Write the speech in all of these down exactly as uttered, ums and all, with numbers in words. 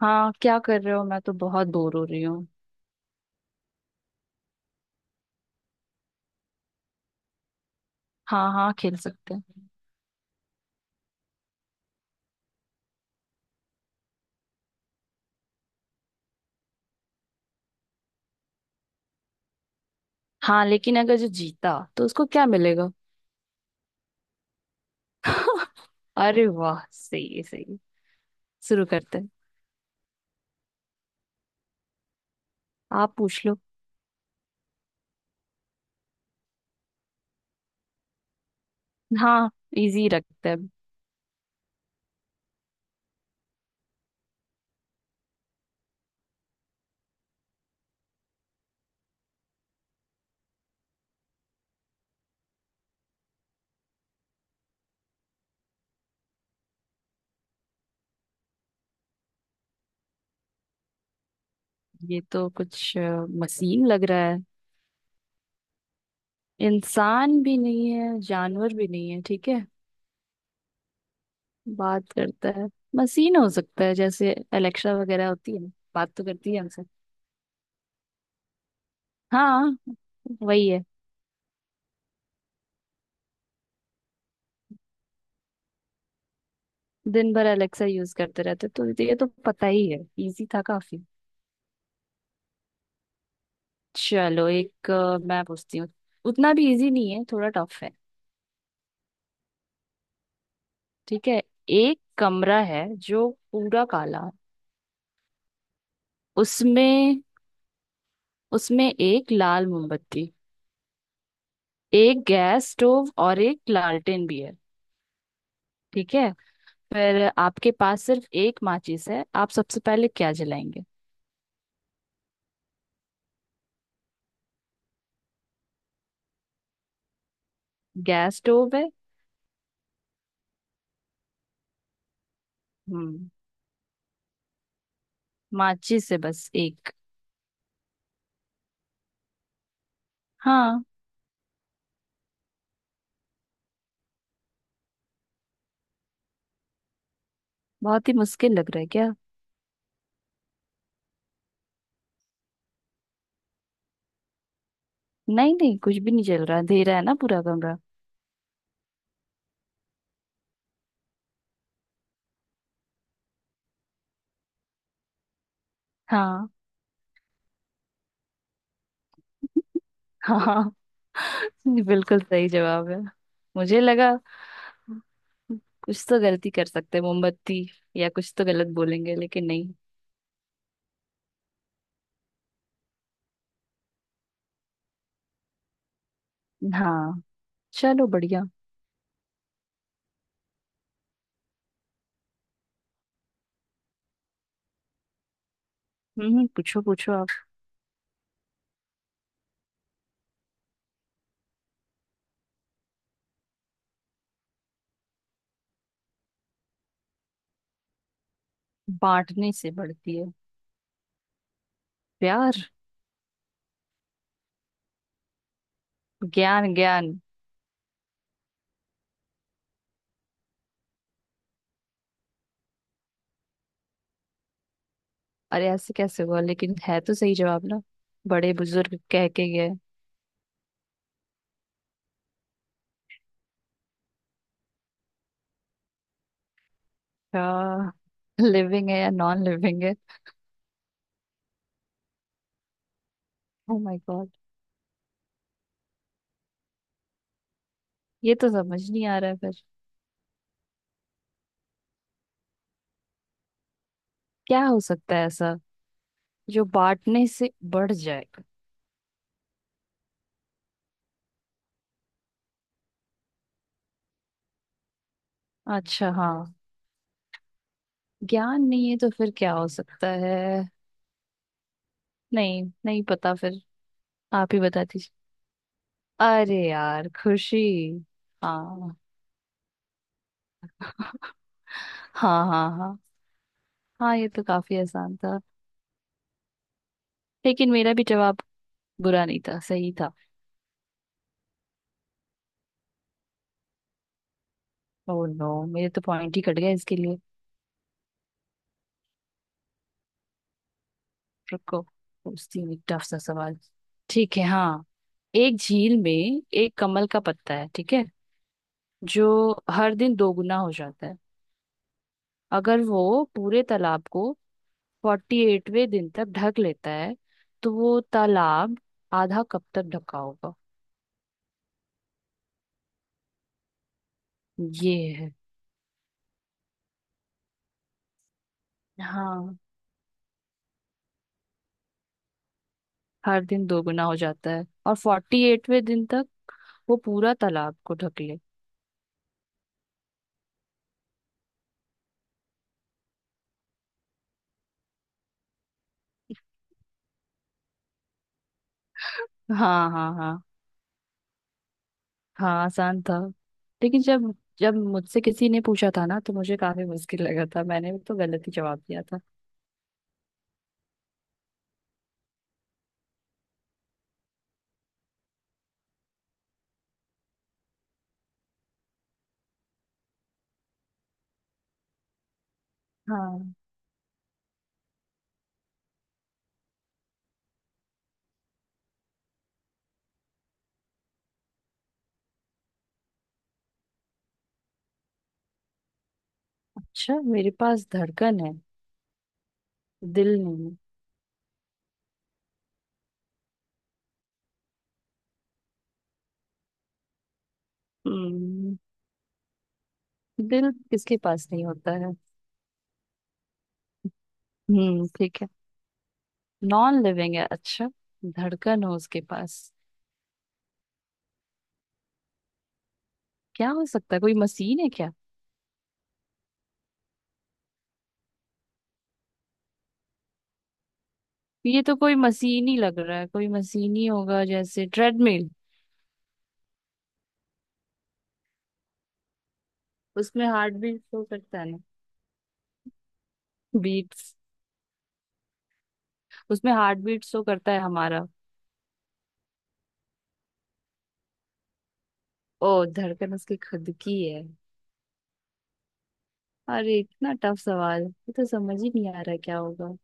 हाँ, क्या कर रहे हो? मैं तो बहुत बोर हो रही हूँ। हाँ हाँ, खेल सकते हैं। हाँ, लेकिन अगर जो जीता तो उसको क्या मिलेगा? अरे वाह, सही है सही है। शुरू करते हैं। आप पूछ लो। हाँ, इजी रखते हैं। ये तो कुछ अ, मशीन लग रहा है। इंसान भी नहीं है, जानवर भी नहीं है, ठीक है। बात करता है। मशीन हो सकता है, जैसे एलेक्सा वगैरह होती है। बात तो करती है हमसे। हाँ, वही है। दिन भर अलेक्सा यूज करते रहते, तो ये तो पता ही है। इजी था काफी। चलो एक, अ, मैं पूछती हूँ। उतना भी इजी नहीं है, थोड़ा टफ है। ठीक है। एक कमरा है जो पूरा काला है। उसमें उसमें एक लाल मोमबत्ती, एक गैस स्टोव और एक लालटेन भी है, ठीक है। फिर आपके पास सिर्फ एक माचिस है, आप सबसे पहले क्या जलाएंगे? गैस स्टोव है। हम्म। माचिस है, बस एक। हाँ। बहुत ही मुश्किल लग रहा है क्या? नहीं नहीं, कुछ भी नहीं चल रहा, अंधेरा है ना पूरा कमरा। हाँ। हाँ। बिल्कुल सही जवाब है। मुझे लगा कुछ तो गलती कर सकते हैं, मोमबत्ती या कुछ तो गलत बोलेंगे, लेकिन नहीं। हाँ। चलो बढ़िया। हम्म हम्म, पूछो पूछो आप। बांटने से बढ़ती है। प्यार। ज्ञान, ज्ञान। अरे ऐसे कैसे हुआ? लेकिन है तो सही जवाब ना। बड़े बुजुर्ग कह के गए। क्या? लिविंग है या नॉन लिविंग है? Oh my god. ये तो समझ नहीं आ रहा है फिर। क्या हो सकता है ऐसा? जो बांटने से बढ़ जाएगा। अच्छा हाँ। ज्ञान नहीं है तो फिर क्या हो सकता है? नहीं, नहीं पता फिर। आप ही बता दीजिए। अरे यार, खुशी। हाँ। हाँ हाँ हाँ। हाँ, ये तो काफी आसान था। लेकिन मेरा भी जवाब बुरा नहीं था, सही था। ओह नो, मेरे तो पॉइंट ही कट गया इसके लिए। रुको। पूछती हूँ टफ सा सवाल। ठीक है, हाँ। एक झील में एक कमल का पत्ता है, ठीक है, जो हर दिन दोगुना हो जाता है। अगर वो पूरे तालाब को फोर्टी एटवें दिन तक ढक लेता है, तो वो तालाब आधा कब तक ढका होगा? ये है। हाँ। हर दिन दोगुना हो जाता है और फोर्टी एटवें दिन तक वो पूरा तालाब को ढक ले। हाँ हाँ हाँ। हाँ, आसान था। लेकिन जब जब मुझसे किसी ने पूछा था ना, तो मुझे काफी मुश्किल लगा था, मैंने तो गलत ही जवाब दिया था। हाँ। अच्छा, मेरे पास धड़कन है। दिल नहीं। दिल किसके पास नहीं होता है? हम्म, ठीक है। नॉन लिविंग है, अच्छा। धड़कन हो उसके पास। क्या हो सकता है, कोई मशीन है क्या? ये तो कोई मशीन ही लग रहा है, कोई मशीन ही होगा जैसे ट्रेडमिल। उसमें हार्ट बीट शो करता है ना। बीट्स। उसमें हार्ट बीट शो करता है हमारा। ओ, धड़कन उसकी खुद की है। अरे इतना टफ सवाल, ये तो समझ ही नहीं आ रहा क्या होगा।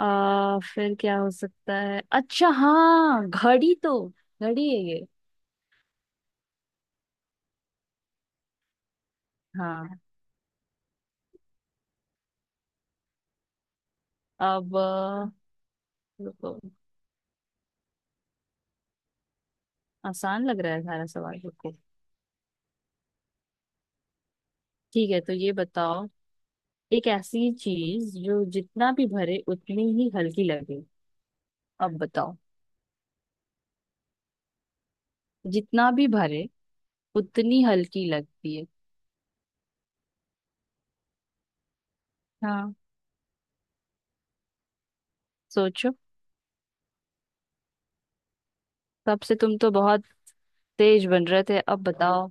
आ, फिर क्या हो सकता है? अच्छा हाँ, घड़ी तो। घड़ी है ये। हाँ। अब बिल्कुल आसान लग रहा है सारा सवाल, बिल्कुल। ठीक है, तो ये बताओ। एक ऐसी चीज जो जितना भी भरे, उतनी ही हल्की लगे। अब बताओ। जितना भी भरे, उतनी हल्की लगती है। हाँ। सोचो। तब से तुम तो बहुत तेज बन रहे थे, अब बताओ।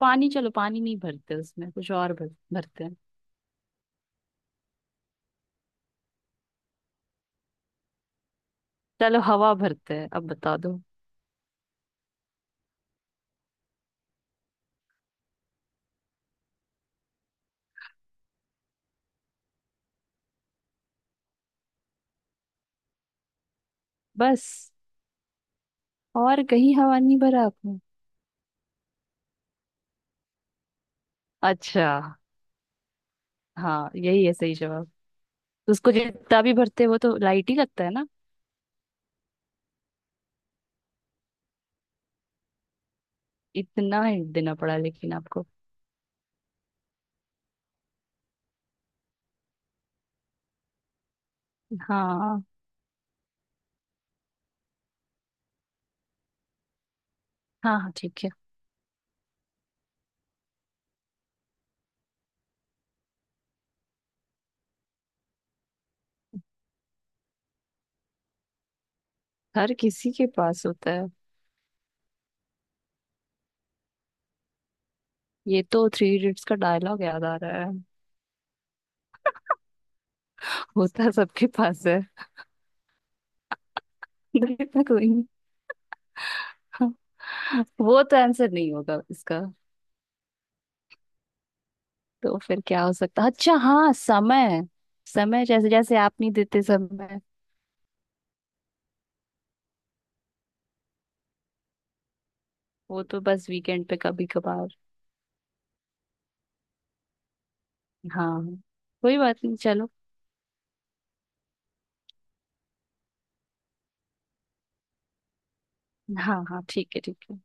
पानी, चलो पानी नहीं भरते, उसमें कुछ और भर, भरते हैं। चलो हवा भरते हैं, अब बता दो। बस। और कहीं हवा नहीं भरा आपने? अच्छा हाँ, यही है सही जवाब। उसको जितना भी भरते हैं, वो तो लाइट ही लगता है ना। इतना हिंट देना पड़ा लेकिन आपको। हाँ हाँ, हाँ ठीक है। हर किसी के पास होता है। ये तो थ्री इडियट्स का डायलॉग याद आ रहा है। होता सबके पास है। देखना कोई नहीं। वो तो आंसर नहीं होगा इसका। तो फिर क्या हो सकता? अच्छा हाँ, समय। समय, जैसे जैसे आप नहीं देते समय। वो तो बस वीकेंड पे, कभी कभार। हाँ। कोई बात नहीं, चलो। हाँ हाँ, ठीक है ठीक है।